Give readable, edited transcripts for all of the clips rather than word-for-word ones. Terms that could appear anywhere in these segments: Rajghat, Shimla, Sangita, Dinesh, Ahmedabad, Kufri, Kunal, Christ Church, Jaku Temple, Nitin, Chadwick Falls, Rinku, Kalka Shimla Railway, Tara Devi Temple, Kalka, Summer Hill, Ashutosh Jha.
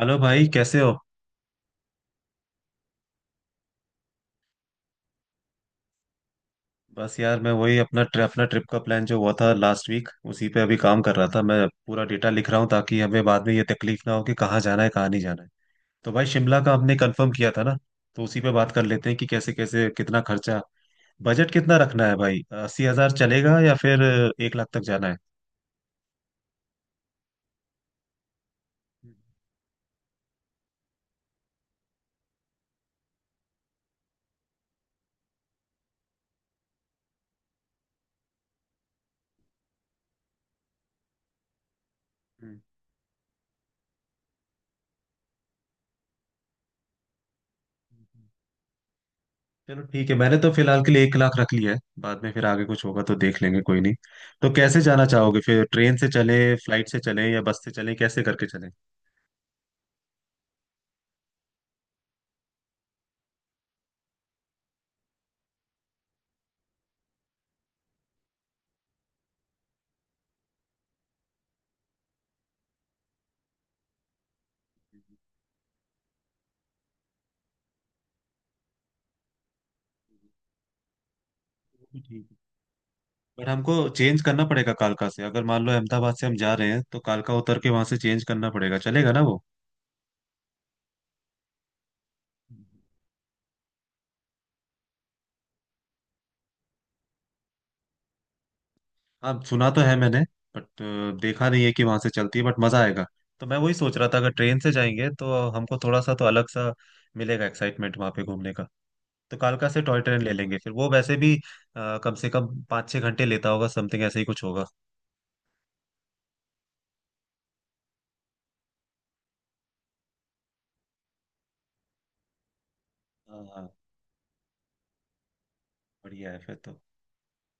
Hello भाई कैसे हो। बस यार मैं वही अपना ट्रिप का प्लान जो हुआ था लास्ट वीक उसी पे अभी काम कर रहा था। मैं पूरा डेटा लिख रहा हूँ ताकि हमें बाद में ये तकलीफ ना हो कि कहाँ जाना है कहाँ नहीं जाना है। तो भाई शिमला का हमने कंफर्म किया था ना। तो उसी पे बात कर लेते हैं कि कैसे कैसे कितना खर्चा, बजट कितना रखना है भाई? 80,000 चलेगा या फिर 1 लाख तक जाना है? हम्म। चलो ठीक है, मैंने तो फिलहाल के लिए 1 लाख रख लिया है, बाद में फिर आगे कुछ होगा तो देख लेंगे, कोई नहीं। तो कैसे जाना चाहोगे फिर? ट्रेन से चले, फ्लाइट से चले या बस से चले, कैसे करके चले? भी ठीक है। बट हमको चेंज करना पड़ेगा कालका से, अगर मान लो अहमदाबाद से हम जा रहे हैं तो कालका उतर के वहां से चेंज करना पड़ेगा। चलेगा ना वो? हाँ सुना तो है मैंने, बट देखा नहीं है कि वहां से चलती है, बट मजा आएगा। तो मैं वही सोच रहा था अगर ट्रेन से जाएंगे तो हमको थोड़ा सा तो अलग सा मिलेगा एक्साइटमेंट वहां पे घूमने का। तो कालका से टॉय ट्रेन ले लेंगे, फिर वो वैसे भी कम से कम 5-6 घंटे लेता होगा, समथिंग ऐसे ही कुछ होगा। हाँ हाँ, बढ़िया है फिर तो।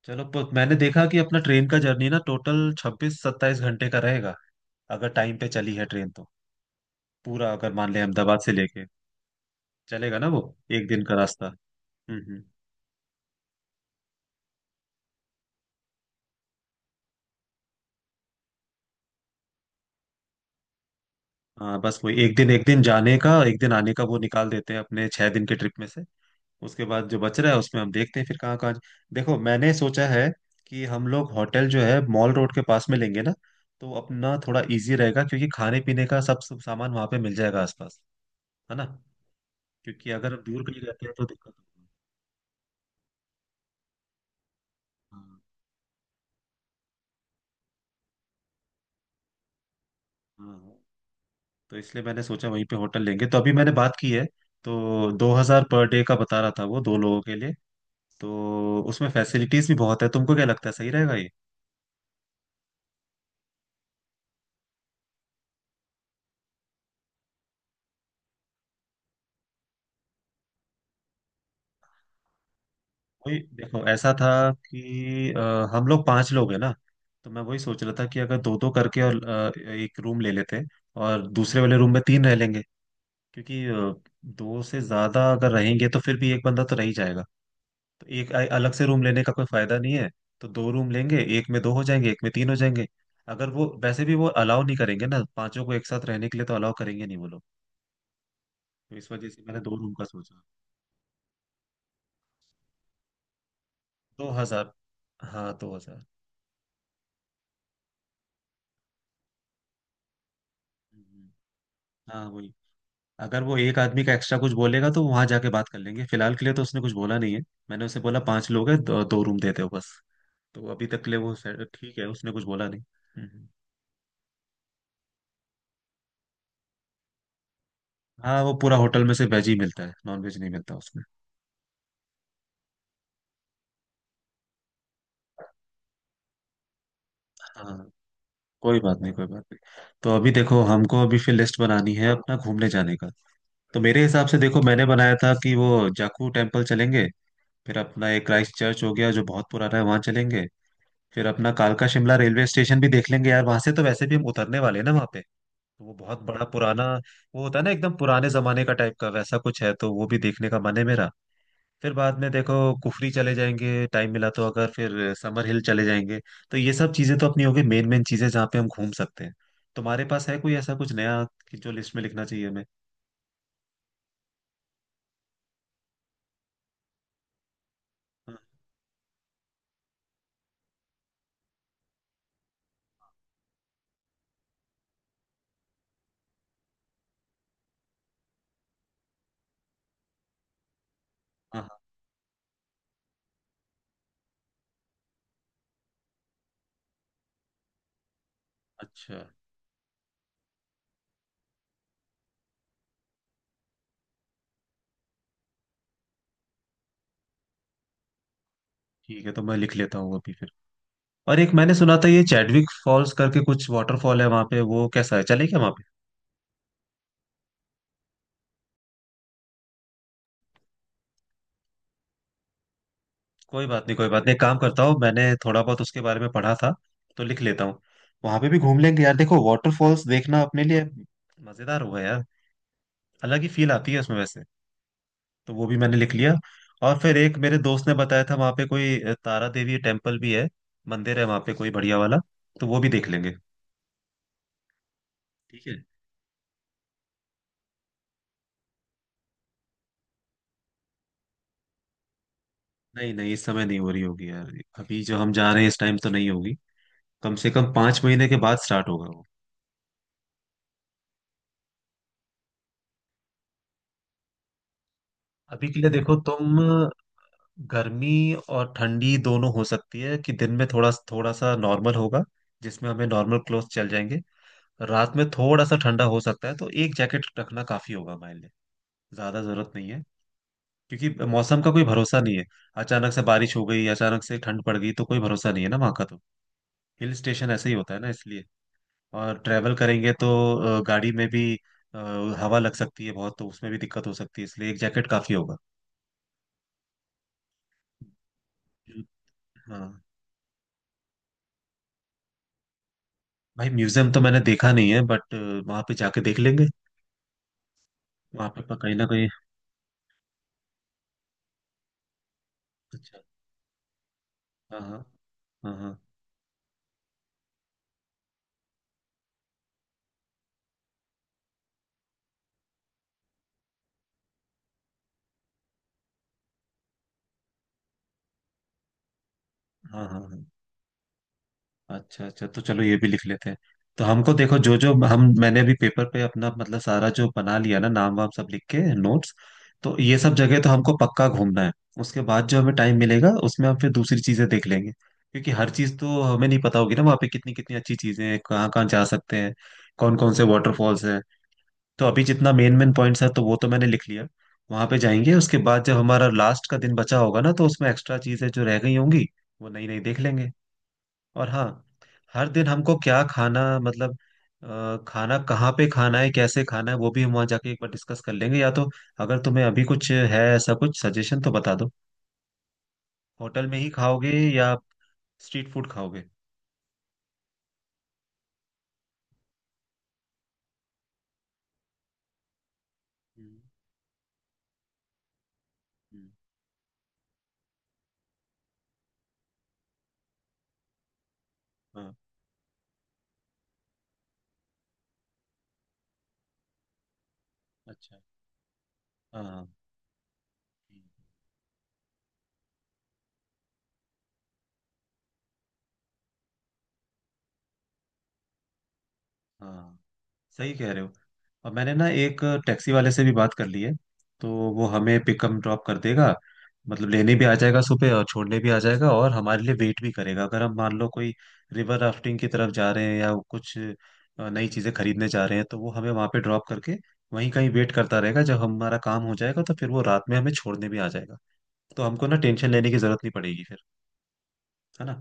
चलो मैंने देखा कि अपना ट्रेन का जर्नी ना टोटल 26-27 घंटे का रहेगा, अगर टाइम पे चली है ट्रेन तो। पूरा अगर मान ले अहमदाबाद से लेके चलेगा ना वो। एक दिन का रास्ता। हम्म। हाँ बस वही एक दिन जाने का एक दिन आने का वो निकाल देते हैं अपने 6 दिन के ट्रिप में से। उसके बाद जो बच रहा है उसमें हम देखते हैं फिर कहाँ कहाँ। देखो, मैंने सोचा है कि हम लोग होटल जो है मॉल रोड के पास में लेंगे ना, तो अपना थोड़ा इजी रहेगा, क्योंकि खाने पीने का सब सब सामान वहां पे मिल जाएगा आसपास, है ना? क्योंकि अगर हम दूर कहीं रहते हैं तो दिक्कत होगी। हाँ हाँ, तो इसलिए मैंने सोचा वहीं पे होटल लेंगे, तो अभी मैंने बात की है। तो 2000 पर डे का बता रहा था, वो दो लोगों के लिए। तो उसमें फैसिलिटीज भी बहुत है, तुमको क्या लगता है सही रहेगा ये? वही देखो, ऐसा था कि हम लोग पांच लोग हैं ना। तो मैं वही सोच रहा था कि अगर दो दो करके और एक रूम ले लेते, और दूसरे वाले रूम में तीन रह लेंगे, क्योंकि दो से ज्यादा अगर रहेंगे तो फिर भी एक बंदा तो रह ही जाएगा, तो एक अलग से रूम लेने का कोई फायदा नहीं है। तो दो रूम लेंगे, एक में दो हो जाएंगे, एक में तीन हो जाएंगे। अगर वो वैसे भी वो अलाउ नहीं करेंगे ना पांचों को एक साथ रहने के लिए, तो अलाउ करेंगे नहीं वो लोग। तो इस वजह से मैंने दो रूम का सोचा। 2000। हाँ 2000। हम्म, हाँ वही। अगर वो एक आदमी का एक्स्ट्रा कुछ बोलेगा तो वहां जाके बात कर लेंगे। फिलहाल के लिए तो उसने कुछ बोला नहीं है। मैंने उसे बोला पांच लोग हैं, दो, दो रूम देते हो बस। तो अभी तक के लिए वो ठीक है, उसने कुछ बोला नहीं। हम्म, हाँ वो पूरा होटल में से वेज ही मिलता है, नॉन वेज नहीं मिलता उसमें। हाँ, कोई बात नहीं कोई बात नहीं। तो अभी देखो हमको अभी फिर लिस्ट बनानी है अपना घूमने जाने का। तो मेरे हिसाब से देखो मैंने बनाया था कि वो जाकू टेम्पल चलेंगे। फिर अपना एक क्राइस्ट चर्च हो गया जो बहुत पुराना है, वहां चलेंगे। फिर अपना कालका शिमला रेलवे स्टेशन भी देख लेंगे यार, वहां से तो वैसे भी हम उतरने वाले हैं ना वहां पे, तो वो बहुत बड़ा पुराना वो होता है ना, एकदम पुराने जमाने का टाइप का वैसा कुछ है, तो वो भी देखने का मन है मेरा। फिर बाद में देखो, कुफरी चले जाएंगे, टाइम मिला तो अगर। फिर समर हिल चले जाएंगे। तो ये सब चीजें तो अपनी होगी मेन मेन चीजें, जहाँ पे हम घूम सकते हैं। तुम्हारे पास है कोई ऐसा कुछ नया कि जो लिस्ट में लिखना चाहिए हमें? हाँ हाँ हाँ, अच्छा ठीक है। तो मैं लिख लेता हूँ अभी फिर। और एक मैंने सुना था ये चैडविक फॉल्स करके कुछ वाटरफॉल है वहाँ पे, वो कैसा है? चले क्या वहाँ पे? कोई बात नहीं कोई बात नहीं, एक काम करता हूँ, मैंने थोड़ा बहुत उसके बारे में पढ़ा था, तो लिख लेता हूँ, वहाँ पे भी घूम लेंगे यार। देखो वाटरफॉल्स देखना अपने लिए मजेदार होगा यार, अलग ही फील आती है उसमें वैसे। तो वो भी मैंने लिख लिया। और फिर एक मेरे दोस्त ने बताया था वहां पे कोई तारा देवी टेम्पल भी है, मंदिर है वहां पे कोई बढ़िया वाला, तो वो भी देख लेंगे। ठीक है। नहीं नहीं, इस समय नहीं हो रही होगी यार। अभी जो हम जा रहे हैं इस टाइम तो नहीं होगी, कम से कम 5 महीने के बाद स्टार्ट होगा वो। अभी के लिए देखो तुम, गर्मी और ठंडी दोनों हो सकती है कि दिन में थोड़ा थोड़ा सा नॉर्मल होगा, जिसमें हमें नॉर्मल क्लोथ चल जाएंगे। रात में थोड़ा सा ठंडा हो सकता है, तो एक जैकेट रखना काफी होगा हमारे लिए। ज्यादा जरूरत नहीं है, क्योंकि मौसम का कोई भरोसा नहीं है। अचानक से बारिश हो गई, अचानक से ठंड पड़ गई, तो कोई भरोसा नहीं है ना वहाँ का तो। हिल स्टेशन ऐसे ही होता है ना, इसलिए। और ट्रैवल करेंगे तो गाड़ी में भी अ, हवा लग सकती है बहुत, तो उसमें भी दिक्कत हो सकती है, इसलिए एक जैकेट काफी होगा। हाँ भाई, म्यूजियम तो मैंने देखा नहीं है, बट वहां पे जाके देख लेंगे। वहां पे कहीं ना कहीं। अच्छा। हाँ हाँ। हाँ हाँ। हाँ हाँ हाँ। अच्छा अच्छा, तो चलो ये भी लिख लेते हैं। तो हमको देखो जो जो हम मैंने अभी पेपर पे अपना मतलब सारा जो बना लिया ना, नाम वाम सब लिख के नोट्स। तो ये सब जगह तो हमको पक्का घूमना है। उसके बाद जो हमें टाइम मिलेगा उसमें हम फिर दूसरी चीजें देख लेंगे, क्योंकि हर चीज तो हमें नहीं पता होगी ना, वहाँ पे कितनी कितनी अच्छी चीजें हैं, कहाँ कहाँ जा सकते हैं, कौन कौन से वाटरफॉल्स हैं। तो अभी जितना मेन मेन पॉइंट्स है तो वो तो मैंने लिख लिया। वहां पे जाएंगे, उसके बाद जब हमारा लास्ट का दिन बचा होगा ना तो उसमें एक्स्ट्रा चीजें जो रह गई होंगी वो नई नई देख लेंगे। और हाँ, हर दिन हमको क्या खाना मतलब खाना कहाँ पे खाना है, कैसे खाना है, वो भी हम वहाँ जाके एक बार डिस्कस कर लेंगे। या तो अगर तुम्हें अभी कुछ है ऐसा कुछ सजेशन तो बता दो। होटल में ही खाओगे या स्ट्रीट फूड खाओगे? हम्म, हम्म, हाँ अच्छा। हाँ हाँ। हाँ, सही कह रहे हो। और मैंने ना एक टैक्सी वाले से भी बात कर ली है, तो वो हमें पिकअप ड्रॉप कर देगा। मतलब लेने भी आ जाएगा सुबह और छोड़ने भी आ जाएगा, और हमारे लिए वेट भी करेगा। अगर हम मान लो कोई रिवर राफ्टिंग की तरफ जा रहे हैं या कुछ नई चीजें खरीदने जा रहे हैं, तो वो हमें वहां पे ड्रॉप करके वहीं कहीं वेट करता रहेगा। जब हमारा काम हो जाएगा तो फिर वो रात में हमें छोड़ने भी आ जाएगा। तो हमको ना टेंशन लेने की जरूरत नहीं पड़ेगी फिर, है ना?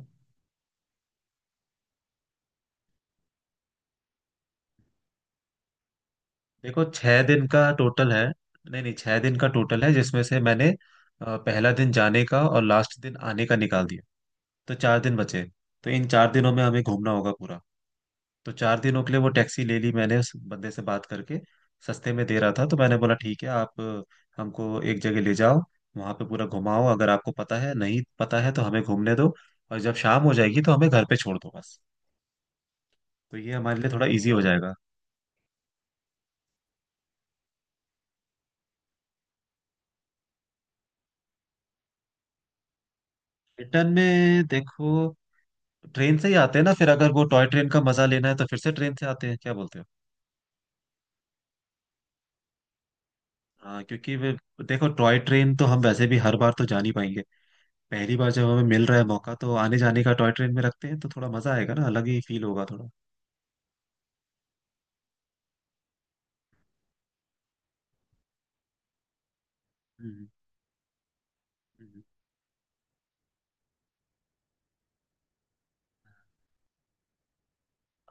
देखो 6 दिन का टोटल है। नहीं नहीं, 6 दिन का टोटल है जिसमें से मैंने पहला दिन जाने का और लास्ट दिन आने का निकाल दिया, तो 4 दिन बचे। तो इन 4 दिनों में हमें घूमना होगा पूरा। तो 4 दिनों के लिए वो टैक्सी ले ली मैंने उस बंदे से बात करके, सस्ते में दे रहा था, तो मैंने बोला ठीक है, आप हमको एक जगह ले जाओ, वहां पे पूरा घुमाओ, अगर आपको पता है नहीं पता है तो हमें घूमने दो, और जब शाम हो जाएगी तो हमें घर पे छोड़ दो बस। तो ये हमारे लिए थोड़ा इजी हो जाएगा। रिटर्न में देखो ट्रेन से ही आते हैं ना फिर, अगर वो टॉय ट्रेन का मजा लेना है तो फिर से ट्रेन से आते हैं, क्या बोलते हो? हाँ, क्योंकि वे देखो टॉय ट्रेन तो हम वैसे भी हर बार तो जा नहीं पाएंगे, पहली बार जब हमें मिल रहा है मौका तो आने जाने का टॉय ट्रेन में रखते हैं, तो थोड़ा मजा आएगा ना, अलग ही फील होगा थोड़ा। हम्म हम्म।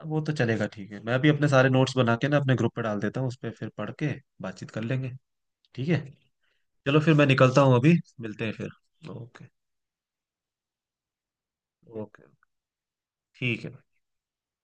वो तो चलेगा ठीक है, मैं भी अपने सारे नोट्स बना के ना अपने ग्रुप पे डाल देता हूँ, उस पर फिर पढ़ के बातचीत कर लेंगे। ठीक है। चलो फिर मैं निकलता हूँ अभी। मिलते हैं फिर। ओके। ओके। ठीक है।